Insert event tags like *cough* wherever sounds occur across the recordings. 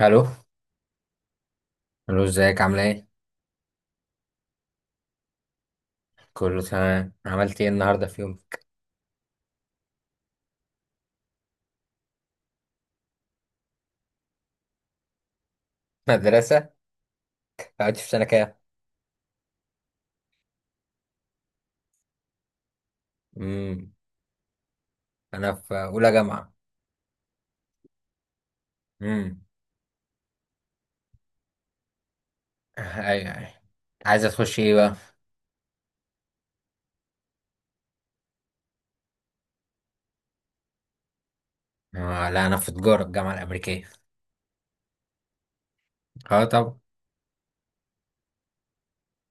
الو. الو، ازيك؟ عامله ايه؟ كله تمام. عملت ايه النهارده؟ في يوم مدرسه قعدت في سنه كام؟ امم انا في اولى جامعه. امم ايوه ايوه، عايزه تخش ايه بقى؟ آه لا، انا في تجاره الجامعه الامريكيه. اه طبعا.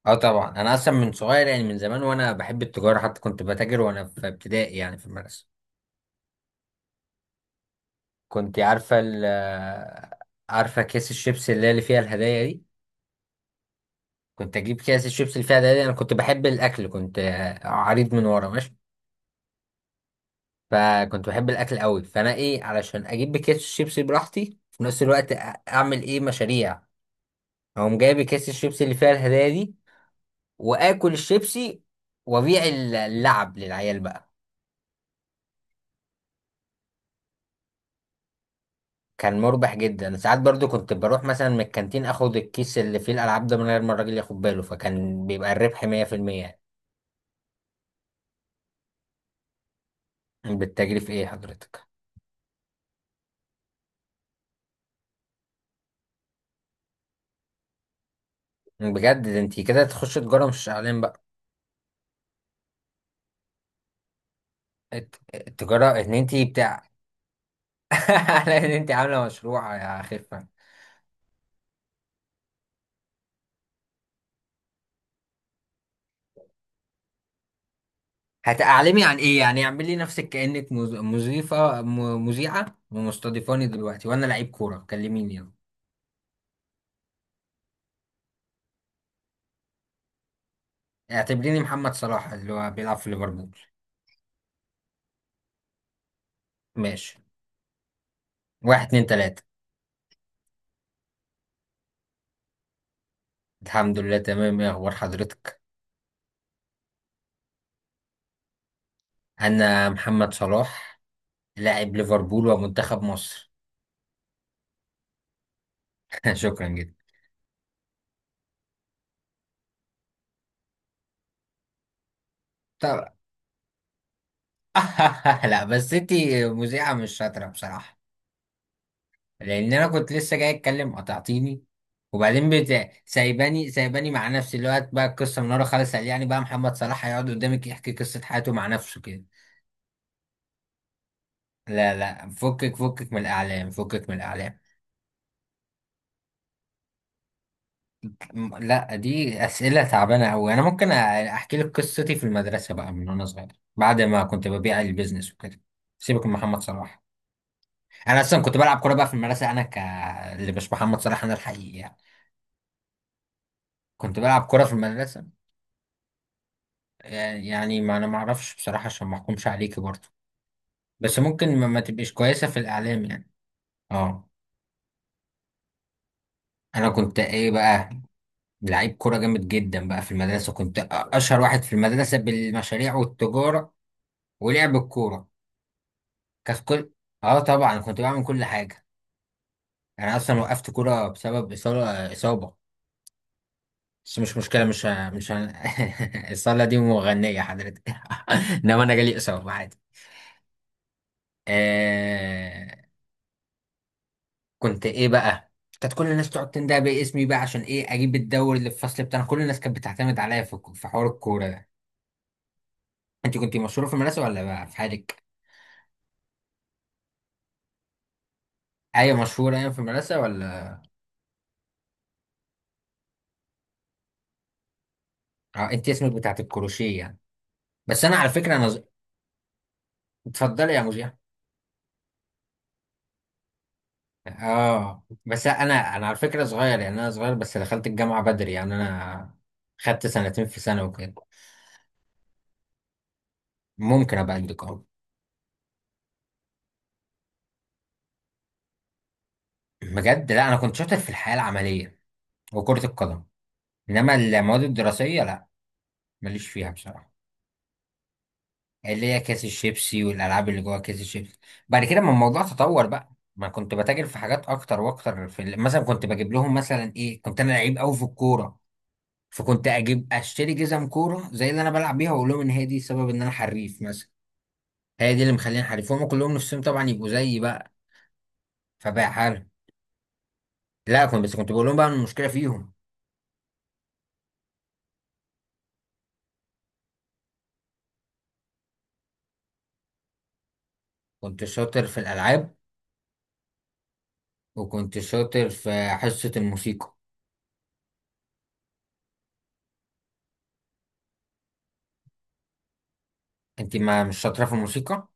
اه طبعا، انا اصلا من صغير يعني، من زمان وانا بحب التجاره، حتى كنت بتاجر وانا في ابتدائي يعني في المدرسه. كنت عارفه ال عارفه كيس الشيبس اللي هي اللي فيها الهدايا دي؟ كنت اجيب كيس الشيبس اللي فيها الهدايا دي، انا كنت بحب الاكل، كنت عريض من ورا ماشي. فكنت بحب الاكل قوي، فانا ايه علشان اجيب بكيس الشيبسي براحتي في نفس الوقت اعمل ايه مشاريع، اقوم جايب كيس الشيبسي اللي فيها الهدايا دي واكل الشيبسي وابيع اللعب للعيال بقى. كان مربح جدا. ساعات برضو كنت بروح مثلا من الكانتين اخد الكيس اللي فيه الالعاب ده من غير ما الراجل ياخد باله، فكان بيبقى الربح 100%. يعني بالتجري في ايه حضرتك؟ بجد، ده انتي كده تخش تجارة مش اعلان بقى. التجارة ان انتي بتاع... *laughs* على ان انتي عاملة مشروع يا خف. هتعلمي عن ايه يعني؟ اعملي نفسك كأنك مذيعة ومستضيفاني دلوقتي وانا لعيب كورة، كلميني يلا. اعتبريني محمد صلاح اللي هو بيلعب في ليفربول. ماشي. واحد اتنين تلاتة. الحمد لله تمام، ايه اخبار حضرتك؟ انا محمد صلاح، لاعب ليفربول ومنتخب مصر. *laughs* شكرا جدا. طب *laughs* لا بس انتي مذيعة مش شاطرة بصراحة. لان انا كنت لسه جاي اتكلم قطعتيني، وبعدين سايباني مع نفسي الوقت بقى القصه من ورا خالص. قال يعني بقى محمد صلاح هيقعد قدامك يحكي قصه حياته مع نفسه كده. لا لا، فكك فكك من الاعلام، فكك من الاعلام. لا، دي اسئله تعبانه قوي. انا ممكن احكي لك قصتي في المدرسه بقى من وانا صغير، بعد ما كنت ببيع البيزنس وكده. سيبك من محمد صلاح. انا اصلا كنت بلعب كوره بقى في المدرسه، انا ك اللي مش محمد صلاح، انا الحقيقي يعني. كنت بلعب كوره في المدرسه. يعني ما انا ما اعرفش بصراحه، عشان ما احكمش عليكي برضه. بس ممكن ما تبقيش كويسه في الاعلام يعني. اه. انا كنت ايه بقى؟ لعيب كوره جامد جدا بقى في المدرسه، كنت اشهر واحد في المدرسه بالمشاريع والتجاره ولعب الكوره. كانت كل... اه طبعا كنت بعمل كل حاجه. انا اصلا وقفت كوره بسبب اصابه. بس مش مشكله، مش ه- مش ه- *laughs* الصاله دي مغنيه حضرتك؟ *laughs* انما انا جالي اصابه عادي. آه. كنت ايه بقى؟ كانت كل الناس تقعد تندهب باسمي بقى، عشان ايه؟ اجيب الدوري اللي في الفصل بتاعنا، كل الناس كانت بتعتمد عليا في حوار الكوره ده. انت كنت مشهوره في المدرسه ولا بقى في حالك؟ ايوه مشهوره، ايوه في المدرسه ولا. اه انت اسمك بتاعت الكروشيه يعني. بس انا على فكره اتفضلي يا مذيع. اه بس انا على فكره صغير يعني، انا صغير بس دخلت الجامعه بدري يعني، انا خدت سنتين في سنه وكده. ممكن ابقى قدك اه. بجد، لا انا كنت شاطر في الحياه العمليه وكره القدم، انما المواد الدراسيه لا، ماليش فيها بصراحه. اللي هي كيس الشيبسي والالعاب اللي جوه كيس الشيبسي. بعد كده ما الموضوع تطور بقى، ما كنت بتاجر في حاجات اكتر واكتر في مثلا كنت بجيب لهم مثلا ايه، كنت انا لعيب قوي في الكوره، فكنت اجيب اشتري جزم كوره زي اللي انا بلعب بيها واقول لهم ان هي دي سبب ان انا حريف مثلا. هي دي اللي مخليني حريف، هم كلهم نفسهم طبعا يبقوا زيي بقى. فبقى حال... لا كنت بس كنت بقول لهم بقى إن المشكله فيهم. كنت شاطر في الالعاب، وكنت شاطر في حصه الموسيقى. انت ما مش شاطره في الموسيقى؟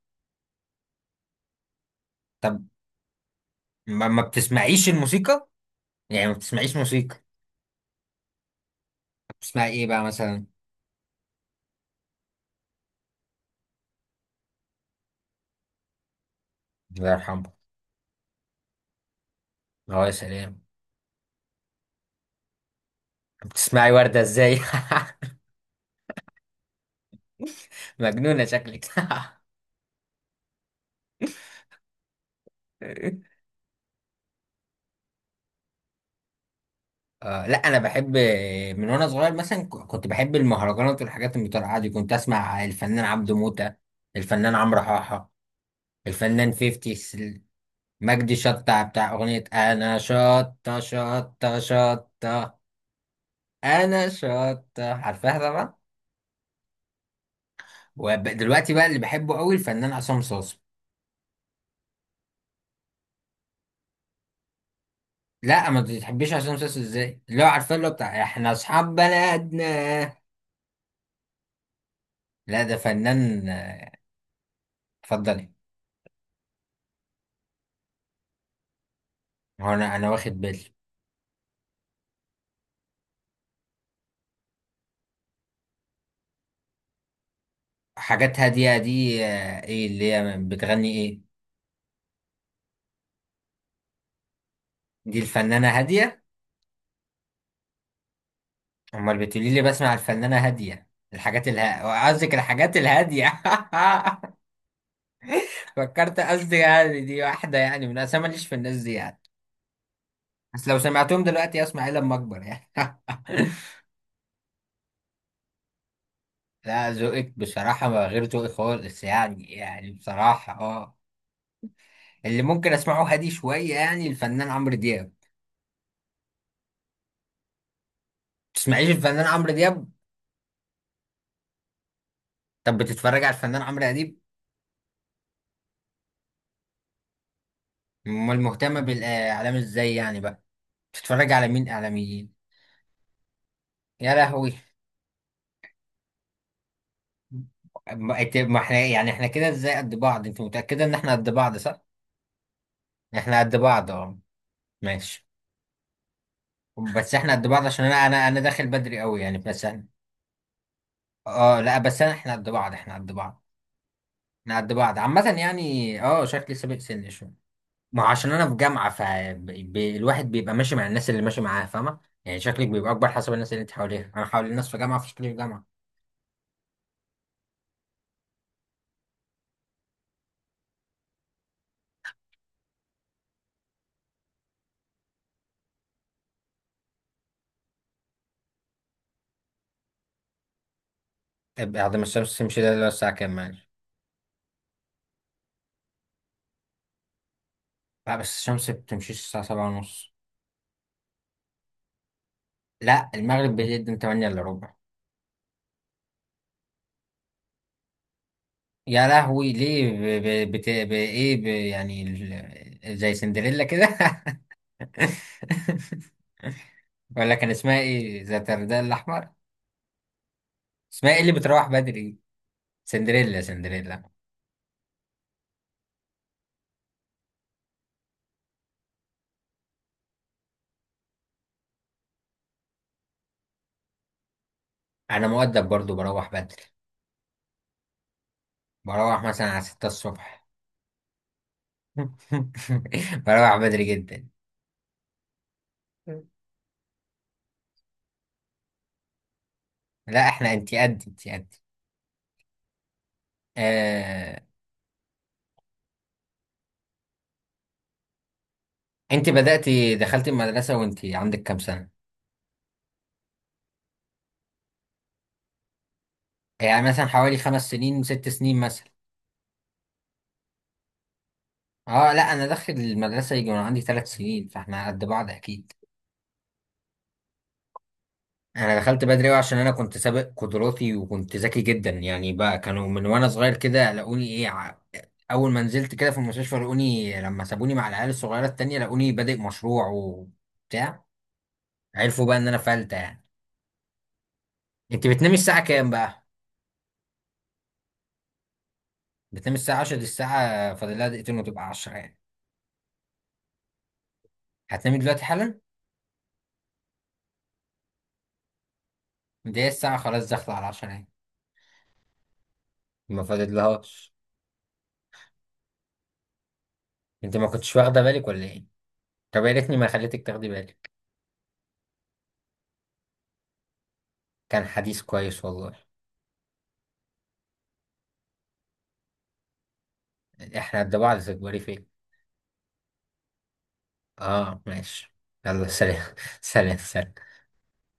طب ما بتسمعيش الموسيقى؟ يعني ما بتسمعيش موسيقى؟ بتسمعي ايه بقى مثلا؟ الله يرحمه. اه يا سلام. بتسمعي وردة ازاي؟ *laughs* مجنونة شكلك. *laughs* آه لا انا بحب، من وانا صغير مثلا كنت بحب المهرجانات والحاجات المترقعه دي. كنت اسمع الفنان عبده موتة، الفنان عمرو حاحه، الفنان 50 مجدي شطة بتاع اغنية انا شطة شطة شطة. انا شطة عارفاها طبعا. ودلوقتي بقى اللي بحبه قوي الفنان عصام صاصا. لا ما تحبيش عصام صاصا ازاي؟ اللي هو عارفاه اللي هو بتاع احنا اصحاب بلدنا. لا ده فنان. اتفضلي. هو انا واخد بالي. حاجات هاديه دي، ايه اللي هي بتغني ايه؟ دي الفنانه هاديه؟ امال بتقولي لي بسمع الفنانه هاديه؟ الحاجات الها قصدك الحاجات الهاديه. *laughs* فكرت قصدي يعني دي واحده، يعني من انا ماليش في الناس دي يعني. بس لو سمعتهم دلوقتي اسمع ايه لما اكبر يعني؟ *laughs* لا ذوقك بصراحة ما غير ذوقي خالص يعني. يعني بصراحة اه اللي ممكن اسمعه هادي شوية يعني الفنان عمرو دياب. تسمعيش الفنان عمرو دياب؟ طب بتتفرج على الفنان عمرو اديب؟ امال مهتمة بالاعلام ازاي يعني بقى؟ بتتفرج على مين اعلاميين؟ يا لهوي! ما احنا يعني احنا كده ازاي قد بعض. انت متأكدة ان احنا قد بعض؟ صح، احنا قد بعض اه. ماشي. بس احنا قد بعض عشان انا، انا داخل بدري قوي يعني بس انا... اه لا بس انا احنا قد بعض، احنا قد بعض عامة يعني. اه شكلي سابق سني شوية، ما هو عشان انا في جامعة فالواحد بيبقى ماشي مع الناس اللي ماشي معاها، فاهمة يعني؟ شكلك بيبقى اكبر حسب الناس اللي انت حواليها. انا حوالي الناس في جامعة فشكلي في جامعة. طيب، بعد ما الشمس تمشي ده اللي هو الساعة كام معلش؟ لا بس الشمس بتمشيش الساعة 7:30. لا المغرب بيقدم من 8 الا ربع. يا لهوي ليه؟ ب... ايه يعني زي سندريلا كده؟ *laughs* ولا كان اسمها ايه ذات الرداء الاحمر؟ اسمها ايه اللي بتروح بدري؟ سندريلا، سندريلا. انا مؤدب برضو بروح بدري. بروح مثلا على 6 الصبح. *laughs* بروح بدري جدا. لا احنا، انتي قد، انتي قد... آه... انتي بدأتي دخلتي المدرسة وانتي عندك كام سنة؟ يعني مثلا حوالي 5 سنين 6 سنين مثلا. اه لا انا داخل المدرسة يجي وانا عندي 3 سنين، فاحنا قد بعض اكيد. انا دخلت بدري أوي عشان انا كنت سابق قدراتي وكنت ذكي جدا يعني بقى. كانوا من وانا صغير كده لقوني ايه اول ما نزلت كده في المستشفى لقوني. لما سابوني مع العيال الصغيره التانية لقوني بادئ مشروع وبتاع. عرفوا بقى ان انا فلتة يعني. انت بتنامي الساعه كام بقى؟ بتنامي الساعه 10؟ دي الساعه فاضل لها دقيقتين وتبقى 10 يعني. هتنامي دلوقتي حالا؟ دي الساعه خلاص داخله على 10 يعني، ما فاضلهاش. انت ما كنتش واخده بالك ولا ايه؟ طب يا ريتني ما خليتك تاخدي بالك. كان حديث كويس والله. احنا قد بعض، تكبري فين؟ اه ماشي، يلا سلام. *laughs* سلام سلام.